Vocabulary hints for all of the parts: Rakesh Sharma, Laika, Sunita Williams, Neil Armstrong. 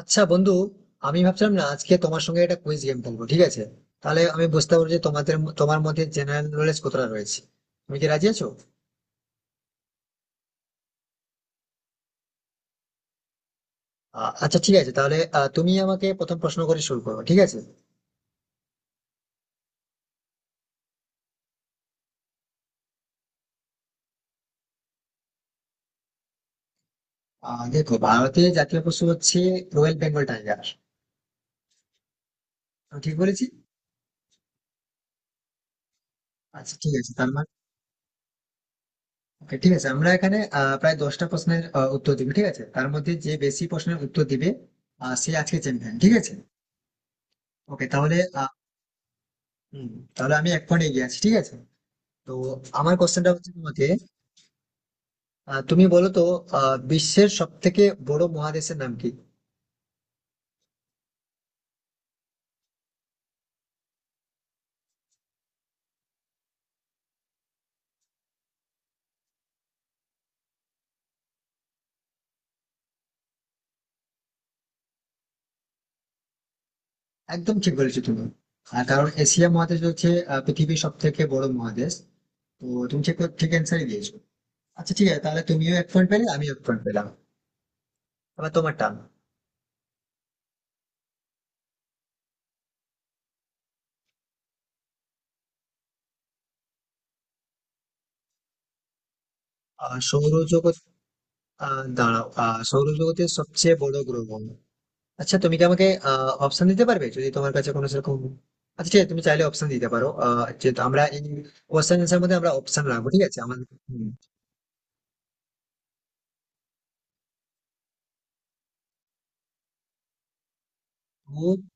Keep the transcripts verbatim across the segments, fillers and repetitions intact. আচ্ছা বন্ধু, আমি ভাবছিলাম না আজকে তোমার সঙ্গে একটা কুইজ গেম খেলবো, ঠিক আছে? তাহলে আমি বুঝতে পারবো যে তোমাদের তোমার মধ্যে জেনারেল নলেজ কতটা রয়েছে। তুমি কি রাজি আছো? আ- আচ্ছা, ঠিক আছে। তাহলে আ, তুমি আমাকে প্রথম প্রশ্ন করে শুরু করো, ঠিক আছে? আ, দেখো, ভারতের জাতীয় পশু হচ্ছে রয়্যাল বেঙ্গল টাইগার। আমি ঠিক বলেছি? আচ্ছা ঠিক আছে, তার মানে... Okay, ঠিক আছে, আমরা এখানে আ, প্রায় দশটা প্রশ্নের আ, উত্তর দিবি, ঠিক আছে? তার মধ্যে যে বেশি প্রশ্নের উত্তর দিবে, আ, সে আজকে চ্যাম্পিয়ন, ঠিক আছে। ওকে, তাহলে আ, হুম, তাহলে আমি এক পয়েন্ট এগিয়ে আছি, ঠিক আছে। তো আমার কোশ্চেনটা হচ্ছে তোমাকে। আহ, তুমি বলো তো, আহ, বিশ্বের সব থেকে বড় মহাদেশের নাম কি? একদম ঠিক বলেছো তুমি। আর কারণ এশিয়া মহাদেশ হচ্ছে আহ, পৃথিবীর সব থেকে বড় মহাদেশ। তো তুমি ঠিক ঠিক অ্যান্সারই দিয়েছো। আচ্ছা ঠিক আছে, তাহলে তুমিও এক পয়েন্ট পেলে, আমিও এক পয়েন্ট পেলাম। এবার তোমার টান। আহ, সৌরজগৎ... আহ, দাঁড়াও, আহ, সৌরজগতের সবচেয়ে বড় গ্রহ। আচ্ছা, তুমি কি আমাকে অপশন দিতে পারবে যদি তোমার কাছে কোনো সেরকম... আচ্ছা ঠিক আছে, তুমি চাইলে অপশন দিতে পারো। আহ, যেহেতু আমরা এই কোশ্চেন এর মধ্যে আমরা অপশন রাখবো, ঠিক আছে আমাদের। হুম। বুধ।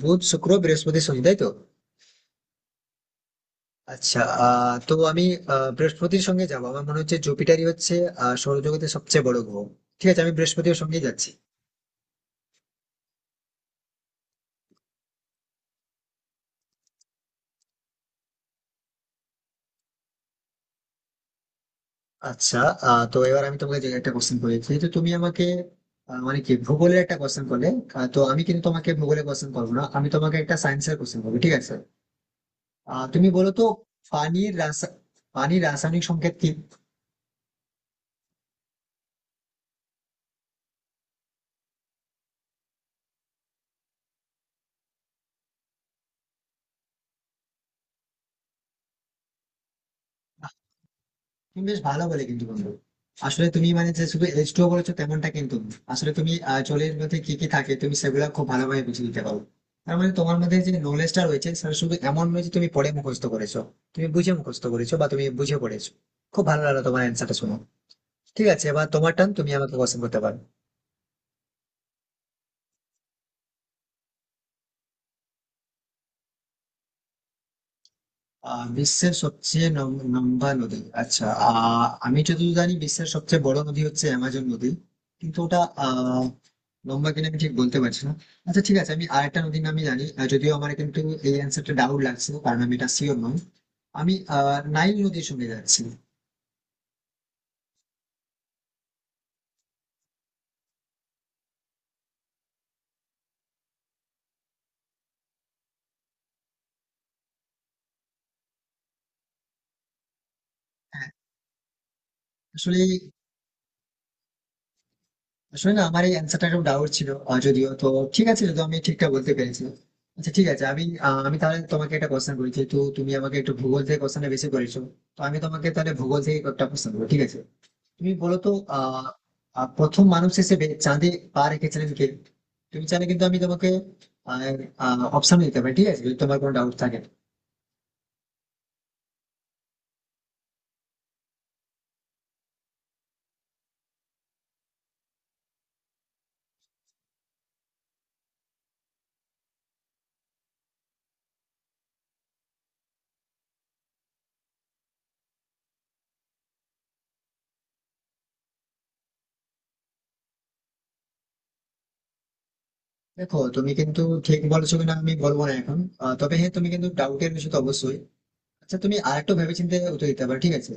বুধ, শুক্র, বৃহস্পতি, শনি, তাই তো? আচ্ছা, আহ তো আমি আহ, বৃহস্পতির সঙ্গে যাবো। আমার মনে হচ্ছে জুপিটারই হচ্ছে আহ, সৌরজগতের সবচেয়ে বড় গ্রহ। ঠিক আছে, আমি বৃহস্পতির সঙ্গেই যাচ্ছি। আচ্ছা, আহ, তো এবার আমি তোমাকে যে একটা কোশ্চেন করি, যেহেতু তুমি আমাকে আহ, মানে কি ভূগোলের একটা কোশ্চেন করলে। আহ, তো আমি কিন্তু তোমাকে ভূগোলের কোশ্চেন করবো না, আমি তোমাকে একটা সায়েন্সের কোশ্চেন করবো, ঠিক আছে? আহ, তুমি বলো তো, পানির রাসা পানির রাসায়নিক সংকেত কি? তুমি বেশ ভালো বলে কিন্তু, বন্ধু। আসলে তুমি মানে যে শুধু এজ টু বলেছো তেমনটা কিন্তু না। আসলে তুমি আহ, জলের মধ্যে কি কি থাকে তুমি সেগুলো খুব ভালোভাবে বুঝে দিতে পারো। তার মানে তোমার মধ্যে যে নলেজটা রয়েছে সেটা শুধু এমন নয় যে তুমি পড়ে মুখস্থ করেছো। তুমি বুঝে মুখস্থ করেছো বা তুমি বুঝে পড়েছো। খুব ভালো লাগলো তোমার অ্যান্সারটা শুনো। ঠিক আছে, এবার তোমার টান, তুমি আমাকে কোশ্চেন করতে পারো। আহ, বিশ্বের সবচেয়ে লম- লম্বা নদী? আচ্ছা, আহ আমি যতদূর জানি বিশ্বের সবচেয়ে বড় নদী হচ্ছে অ্যামাজন নদী। কিন্তু ওটা আহ লম্বা কিনা আমি ঠিক বলতে পারছি না। আচ্ছা ঠিক আছে, আমি আরেকটা নদীর নামই জানি। আহ, যদিও আমার কিন্তু এই অ্যান্সারটা ডাউট লাগছে, কারণ আমি এটা শিওর নই। আমি আহ নাইল নদীর সঙ্গে যাচ্ছি। হ্যাঁ। আসলে আসলে না, আমার এই অ্যান্সারটা একটু ডাউট ছিল। আহ, যদিও তো... ঠিক আছে, যদি আমি ঠিকঠাক বলতে পেরেছি। আচ্ছা ঠিক আছে, আমি আহ, আমি তাহলে তোমাকে একটা কোশ্চেন করি, যেহেতু তুমি আমাকে একটু ভূগোল থেকে কোশ্চেনটা বেশি করেছো। তো আমি তোমাকে তাহলে ভূগোল থেকে একটা কোশ্চেন করবো, ঠিক আছে। তুমি বলো তো, আহ আহ, প্রথম মানুষ হিসেবে চাঁদে পা রেখেছিলেন কে? তুমি চাইলে কিন্তু আমি তোমাকে অপশন দিতে পারি, ঠিক আছে, যদি তোমার কোনো ডাউট থাকে। দেখো, তুমি কিন্তু ঠিক বলছো কিনা আমি বলবো না এখন। আহ, তবে হ্যাঁ, তুমি কিন্তু ডাউটের বিষয় তো অবশ্যই। আচ্ছা, তুমি আরেকটু ভেবেচিন্তে উত্তর দিতে পারো, ঠিক আছে।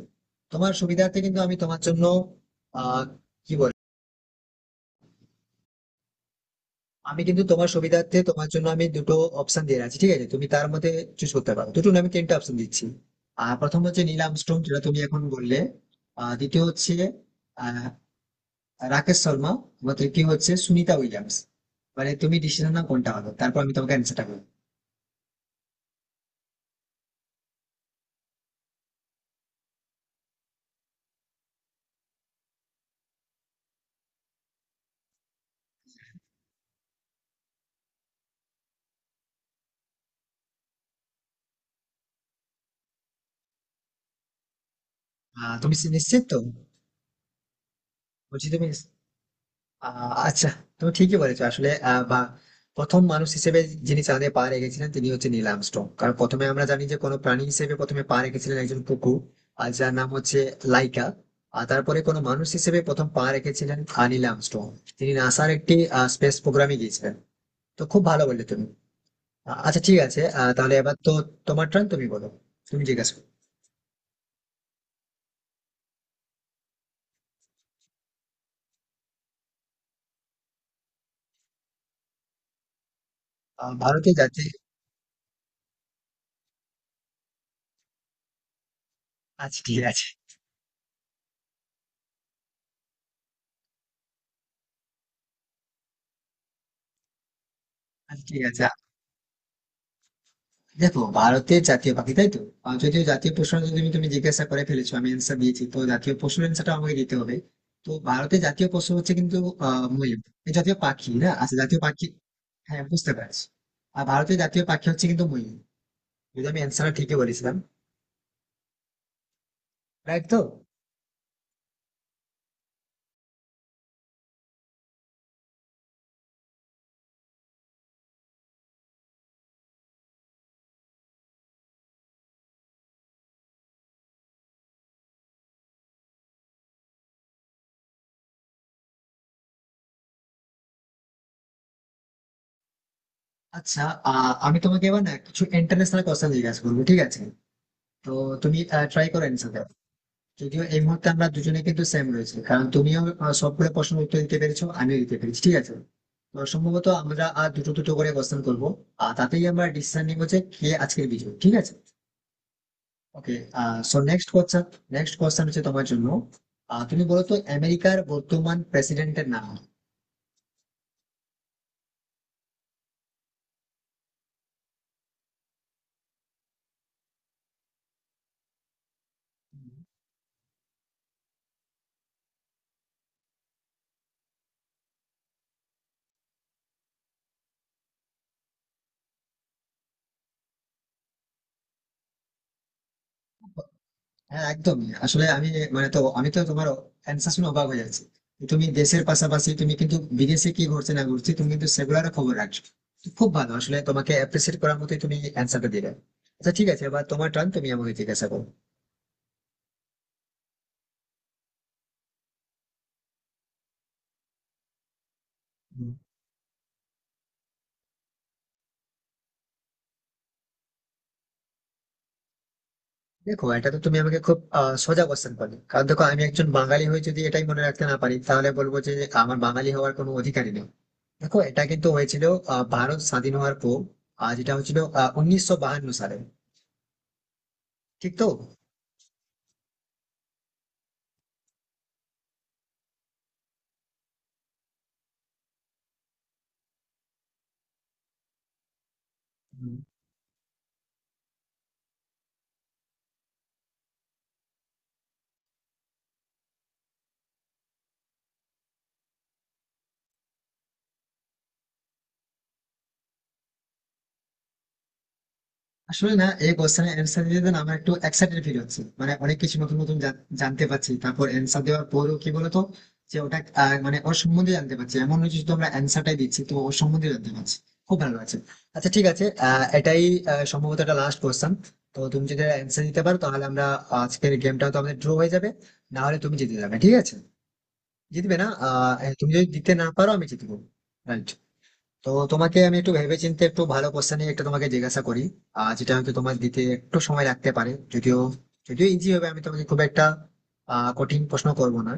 তোমার সুবিধার্থে কিন্তু আমি তোমার জন্য আহ কি বলে, আমি কিন্তু তোমার সুবিধার্থে তোমার জন্য আমি দুটো অপশন দিয়ে রাখছি, ঠিক আছে, তুমি তার মধ্যে চুজ করতে পারো। দুটো না, আমি তিনটা অপশন দিচ্ছি। আর প্রথম হচ্ছে নীল আর্মস্ট্রং, যেটা তুমি এখন বললে। আর দ্বিতীয় হচ্ছে আহ, রাকেশ শর্মা। আবার তৃতীয় হচ্ছে সুনিতা উইলিয়ামস। মানে তুমি ডিসিশন না কোনটা হবে, তারপর আমি তোমাকে অ্যান্সারটা বলবো। আহ, তুমি নিশ্চিত তো? বলছি তুমি... আহ, আচ্ছা। তুমি ঠিকই বলেছো। আসলে আহ, বা প্রথম মানুষ হিসেবে যিনি চাঁদে পা রেখেছিলেন, তিনি হচ্ছে নীল আর্মস্ট্রং। কারণ প্রথমে আমরা জানি যে কোনো প্রাণী হিসেবে প্রথমে পা রেখেছিলেন একজন কুকুর, আর যার নাম হচ্ছে লাইকা। আর তারপরে কোনো মানুষ হিসেবে প্রথম পা রেখেছিলেন আহ, নীল আর্মস্ট্রং। তিনি নাসার একটি স্পেস প্রোগ্রামে গিয়েছিলেন। তো খুব ভালো বললে তুমি। আহ, আচ্ছা ঠিক আছে, আহ, তাহলে এবার তো তোমার টার্ন। তুমি বলো, তুমি জিজ্ঞাসা করো। আহ, ভারতের জাতীয়... আচ্ছা ঠিক আছে আচ্ছা ঠিক আছে দেখো, ভারতের জাতীয় পাখি, তাই তো? আর যদিও জাতীয় প্রশ্ন যদি তুমি তুমি জিজ্ঞাসা করে ফেলেছো, আমি অ্যান্সার দিয়েছি, তো জাতীয় পশুর অ্যান্সারটা আমাকে দিতে হবে। তো ভারতের জাতীয় পশু হচ্ছে কিন্তু আহ ময়ূর। এই, জাতীয় পাখি না? আচ্ছা, জাতীয় পাখি। হ্যাঁ, বুঝতে পারছি। আর ভারতের জাতীয় পাখি হচ্ছে কিন্তু ময়ূর। যদি আমি অ্যান্সারটা ঠিকই বলেছিলাম, রাইট তো? আচ্ছা, আহ আমি তোমাকে এবার না কিছু ইন্টারন্যাশনাল কোশ্চেন জিজ্ঞাসা করবো, ঠিক আছে। তো তুমি ট্রাই করো অ্যান্সার। যদিও এই মুহূর্তে আমরা দুজনে কিন্তু সেম রয়েছে, কারণ তুমিও আহ, সবগুলো প্রশ্ন উত্তর দিতে পেরেছো, আমিও দিতে পেরেছি, ঠিক আছে। তো সম্ভবত আমরা আর দুটো দুটো করে কোশ্চেন করবো। আর তাতেই আমরা ডিসিশন নিব যে কে আজকের বিজয়ী, ঠিক আছে। Okay. So next question, next question হচ্ছে তোমার জন্য। আহ, তুমি বলো তো, আমেরিকার বর্তমান প্রেসিডেন্টের নাম? হ্যাঁ, একদমই। আসলে আমি মানে তো, আমি তো তোমার অ্যান্সার শুনে অবাক হয়ে যাচ্ছি। তুমি দেশের পাশাপাশি তুমি কিন্তু বিদেশে কি ঘটছে না ঘটছে তুমি কিন্তু সেগুলারও খবর রাখছো। তো খুব ভালো, আসলে তোমাকে অ্যাপ্রিসিয়েট করার মতোই তুমি অ্যান্সারটা দিলে। আচ্ছা ঠিক আছে, এবার তোমার টার্ন, তুমি আমাকে জিজ্ঞাসা করো। হুম। দেখো, এটা তো তুমি আমাকে খুব আহ, সোজা কোশ্চেন করলে। কারণ দেখো, আমি একজন বাঙালি হয়ে যদি এটাই মনে রাখতে না পারি, তাহলে বলবো যে আমার বাঙালি হওয়ার কোনো অধিকারই নেই। দেখো, এটা কিন্তু হয়েছিল আহ, ভারত স্বাধীন হওয়ার পর। আহ, যেটা হয়েছিল উনিশশো বাহান্ন সালে। ঠিক তো? আসলে না, এই কোশ্চেনের অ্যান্সার দিতে না আমার একটু এক্সাইটেড ফিল হচ্ছে, মানে অনেক কিছু নতুন নতুন জান- জানতে পারছি। তারপর অ্যান্সার দেওয়ার পরেও কি বলতো, যে ওটা আহ, মানে ওর সম্বন্ধে জানতে পারছি, এমন নয় যে শুধু আমরা অ্যান্সারটাই দিচ্ছি, তো ওর সম্বন্ধে জানতে পারছি। খুব ভালো লাগছে। আচ্ছা ঠিক আছে, আহ, এটাই আহ, সম্ভবত একটা লাস্ট কোশ্চেন। তো তুমি যদি অ্যান্সার দিতে পারো, তাহলে আমরা আজকের গেমটা তো আমাদের ড্র হয়ে যাবে, না হলে তুমি জিতে যাবে, ঠিক আছে। জিতবে না, আহ তুমি যদি দিতে না পারো আমি জিতবো, রাইট তো। তোমাকে আমি একটু ভেবেচিন্তে একটু ভালো কোশ্চেন নিয়ে একটা তোমাকে জিজ্ঞাসা করি, আহ যেটা হয়তো তোমার দিতে একটু সময় লাগতে পারে। যদিও, যদিও ইজি হবে, আমি তোমাকে খুব একটা আহ কঠিন প্রশ্ন করব না।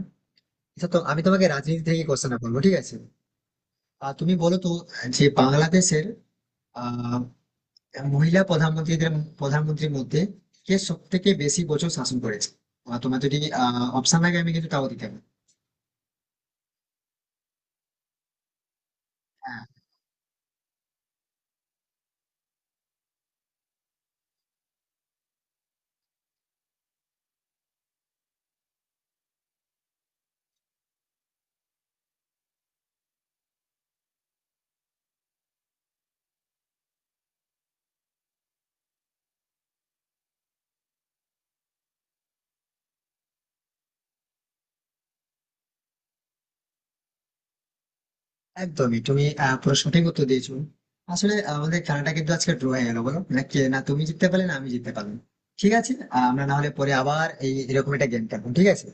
আচ্ছা, তো আমি তোমাকে রাজনীতি থেকে কোশ্চেনটা করবো, ঠিক আছে। আর তুমি বলো তো, যে বাংলাদেশের আহ মহিলা প্রধানমন্ত্রীদের প্রধানমন্ত্রীর মধ্যে কে সব থেকে বেশি বছর শাসন করেছে? আহ, তোমার যদি আহ অপশন লাগে, আমি কিন্তু তাও দিতে পারি। একদমই, তুমি আহ, পুরো সঠিক উত্তর দিয়েছো। আসলে আমাদের খেলাটা কিন্তু আজকে ড্র হয়ে গেল, বলো না, কে না তুমি জিততে পারলে, না আমি জিততে পারলাম। ঠিক আছে, আহ, আমরা না হলে পরে আবার এই এরকম একটা গেম খেলবো, ঠিক আছে।